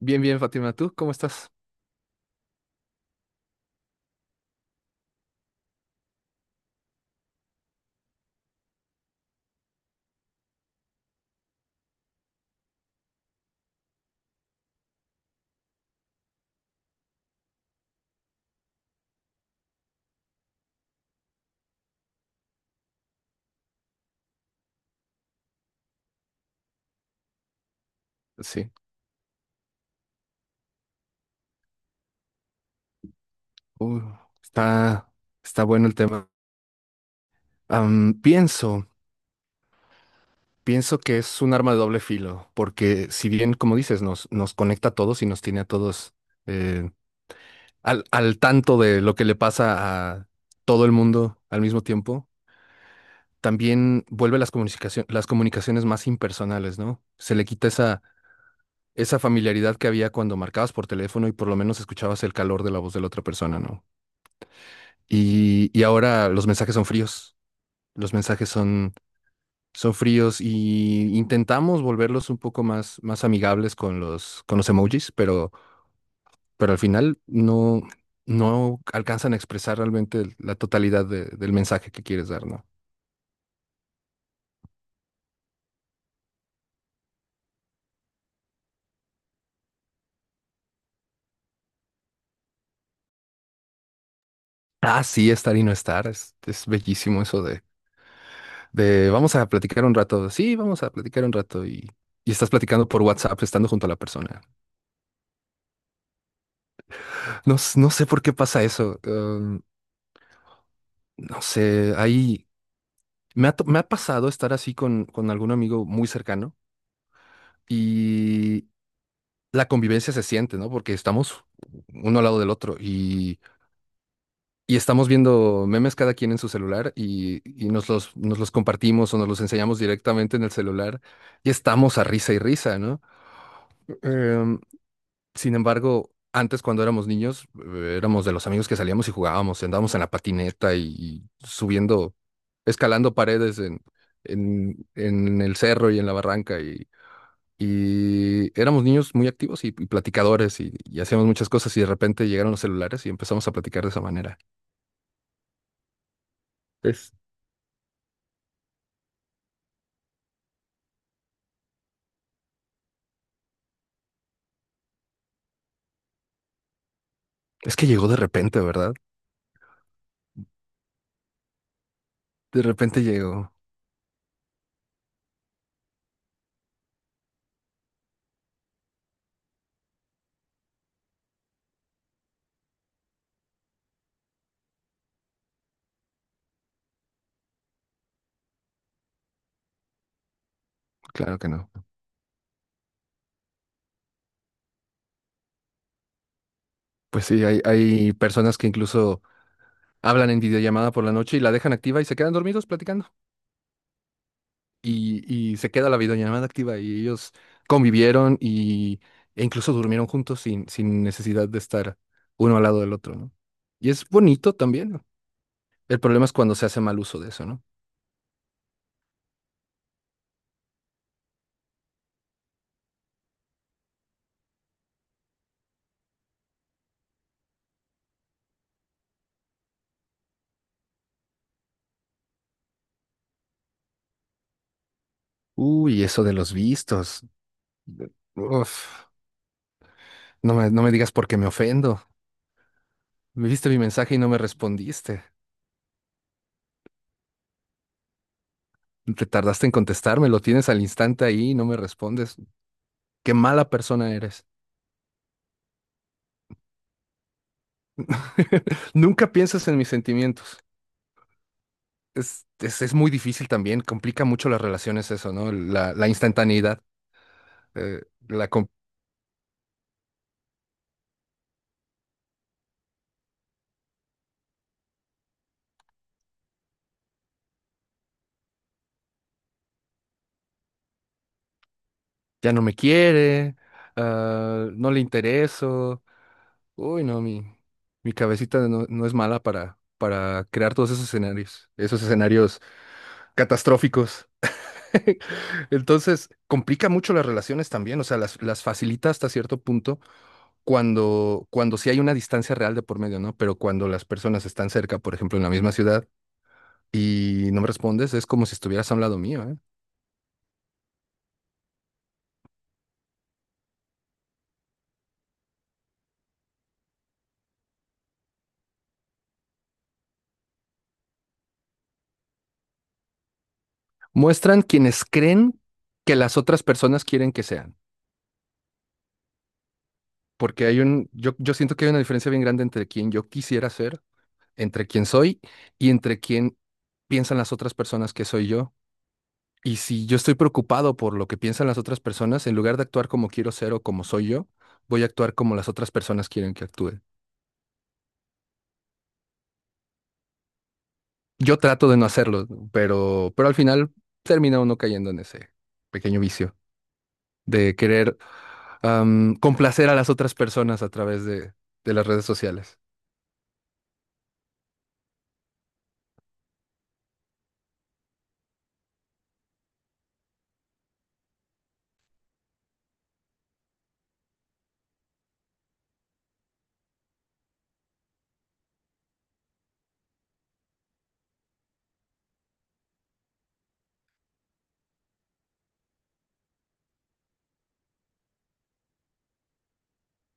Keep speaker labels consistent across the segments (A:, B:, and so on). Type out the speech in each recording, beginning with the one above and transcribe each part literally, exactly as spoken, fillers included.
A: Bien, bien, Fátima, ¿tú cómo estás? Sí. Uh, está, está bueno el tema. Am, pienso, pienso que es un arma de doble filo, porque si bien, como dices, nos, nos conecta a todos y nos tiene a todos eh, al, al tanto de lo que le pasa a todo el mundo al mismo tiempo. También vuelve las comunicaciones, las comunicaciones más impersonales, ¿no? Se le quita esa, esa familiaridad que había cuando marcabas por teléfono y por lo menos escuchabas el calor de la voz de la otra persona, ¿no? Y, y ahora los mensajes son fríos, los mensajes son, son fríos, y intentamos volverlos un poco más, más amigables con los, con los emojis, pero, pero al final no, no alcanzan a expresar realmente el- la totalidad de- del mensaje que quieres dar, ¿no? Ah, sí, estar y no estar, es, es bellísimo eso de, de vamos a platicar un rato, sí, vamos a platicar un rato y, y estás platicando por WhatsApp estando junto a la persona. No, s- no sé por qué pasa eso. eh, no sé, hay, Me ha, to- me ha pasado estar así con, con algún amigo muy cercano, y la convivencia se siente, ¿no? Porque estamos uno al lado del otro y, y estamos viendo memes cada quien en su celular y, y nos los, nos los compartimos o nos los enseñamos directamente en el celular y estamos a risa y risa, ¿no? Em, sin embargo, antes cuando éramos niños, eh, éramos de los amigos que salíamos y jugábamos, y andábamos en la patineta y, y subiendo, escalando paredes en, en, en el cerro y en la barranca, y Y éramos niños muy activos y, y platicadores y, y hacíamos muchas cosas, y de repente llegaron los celulares y empezamos a platicar de esa manera. Es, es que llegó de repente, ¿verdad? De repente llegó. Claro que no. Pues sí, hay, hay personas que incluso hablan en videollamada por la noche y la dejan activa y se quedan dormidos platicando. Y, y se queda la videollamada activa y ellos convivieron y, e incluso durmieron juntos sin, sin necesidad de estar uno al lado del otro, ¿no? Y es bonito también. El problema es cuando se hace mal uso de eso, ¿no? Uy, eso de los vistos. Uf, no me, no me digas porque me ofendo. Me viste mi mensaje y no me respondiste. Te tardaste en contestarme, lo tienes al instante ahí y no me respondes. Qué mala persona eres. Nunca piensas en mis sentimientos. Es, es, es muy difícil también, complica mucho las relaciones eso, ¿no? La, la instantaneidad. eh, la com- ya no me quiere, ah, no le intereso. Uy, no, mi, mi cabecita no, no es mala para, para crear todos esos escenarios, esos escenarios catastróficos. Entonces, complica mucho las relaciones también. O sea, las, las facilita hasta cierto punto cuando, cuando sí hay una distancia real de por medio, ¿no? Pero cuando las personas están cerca, por ejemplo, en la misma ciudad, y no me respondes, es como si estuvieras a un lado mío, ¿eh? Muestran quienes creen que las otras personas quieren que sean. Porque hay un, yo, yo siento que hay una diferencia bien grande entre quien yo quisiera ser, entre quién soy y entre quién piensan las otras personas que soy yo. Y si yo estoy preocupado por lo que piensan las otras personas, en lugar de actuar como quiero ser o como soy yo, voy a actuar como las otras personas quieren que actúe. Yo trato de no hacerlo, pero, pero al final termina uno cayendo en ese pequeño vicio de querer am, complacer a las otras personas a través de, de las redes sociales.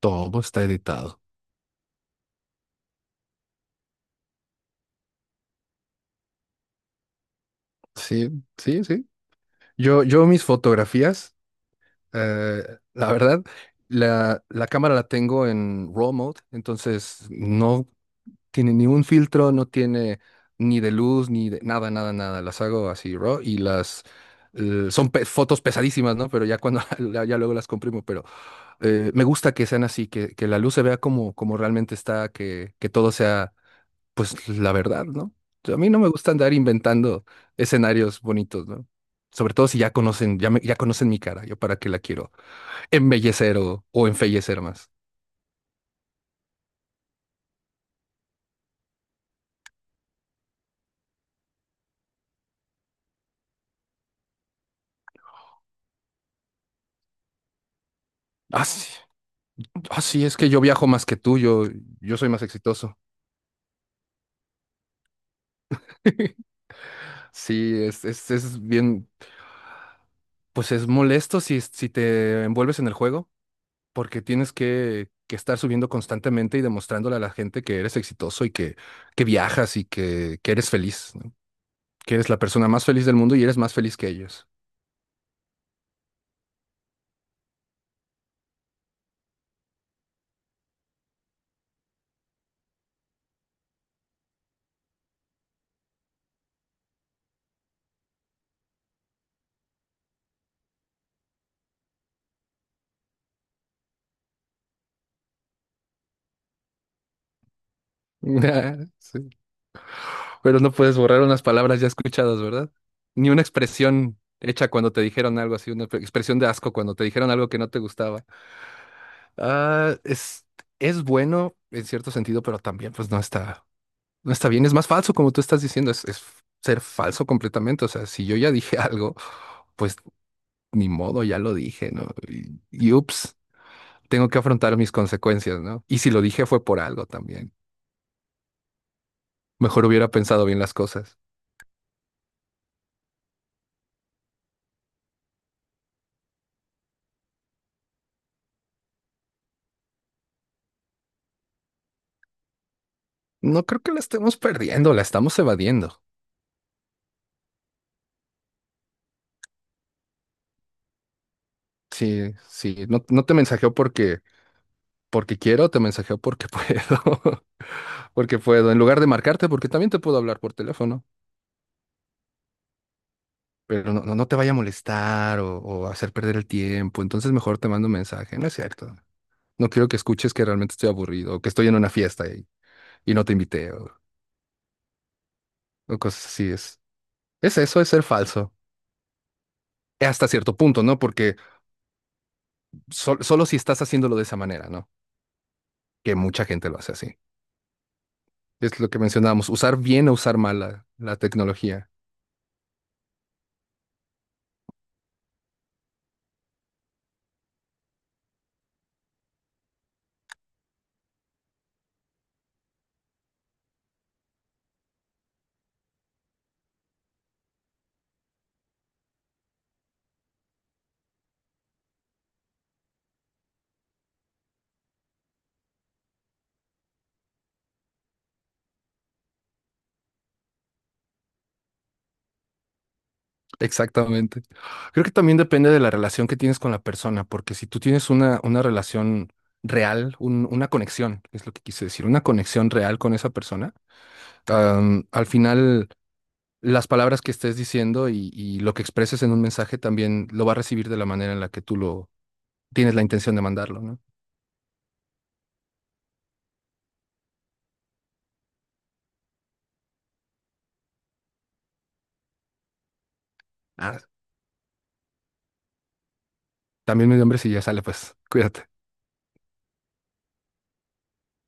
A: Todo está editado. Sí, sí, sí. Yo, yo mis fotografías Eh, la verdad, la, la cámara la tengo en R A W mode, entonces no tiene ni un filtro, no tiene ni de luz, ni de nada, nada, nada. Las hago así R A W, y las eh, son pe- fotos pesadísimas, ¿no? Pero ya cuando la- ya luego las comprimo. Pero eh, me gusta que sean así, que, que la luz se vea como, como realmente está, que, que todo sea pues la verdad, ¿no? A mí no me gusta andar inventando escenarios bonitos, ¿no? Sobre todo si ya conocen, ya me- ya conocen mi cara, yo para qué la quiero embellecer o, o enfallecer más. Ah, sí, ah, sí, es que yo viajo más que tú, yo, yo soy más exitoso. Sí, es, es, es bien, pues es molesto si, si te envuelves en el juego, porque tienes que, que estar subiendo constantemente y demostrándole a la gente que eres exitoso y que, que viajas y que, que eres feliz, ¿no? Que eres la persona más feliz del mundo y eres más feliz que ellos. Sí. Pero no puedes borrar unas palabras ya escuchadas, ¿verdad? Ni una expresión hecha cuando te dijeron algo así, una expresión de asco cuando te dijeron algo que no te gustaba. Ah, es, es bueno en cierto sentido, pero también pues no está, no está bien. Es más falso, como tú estás diciendo, es, es ser falso completamente. O sea, si yo ya dije algo, pues ni modo, ya lo dije, ¿no? Y, y ups, tengo que afrontar mis consecuencias, ¿no? Y si lo dije fue por algo también. Mejor hubiera pensado bien las cosas. No creo que la estemos perdiendo, la estamos evadiendo. Sí, sí, no, no te mensajeo porque, porque quiero, te mensajeo porque puedo, porque puedo, en lugar de marcarte, porque también te puedo hablar por teléfono, pero no, no, no te vaya a molestar o, o hacer perder el tiempo, entonces mejor te mando un mensaje, no es cierto. No quiero que escuches que realmente estoy aburrido o que estoy en una fiesta y, y no te invité o, o cosas así. Es, es eso, es ser falso. Hasta cierto punto, ¿no? Porque sol- solo si estás haciéndolo de esa manera, ¿no? Que mucha gente lo hace así. Es lo que mencionábamos, usar bien o usar mal la la tecnología. Exactamente. Creo que también depende de la relación que tienes con la persona, porque si tú tienes una, una relación real, un- una conexión, es lo que quise decir, una conexión real con esa persona, am, al final las palabras que estés diciendo y, y lo que expreses en un mensaje también lo va a recibir de la manera en la que tú lo tienes la intención de mandarlo, ¿no? Ah, también me dio hambre. Si ya sale, pues cuídate.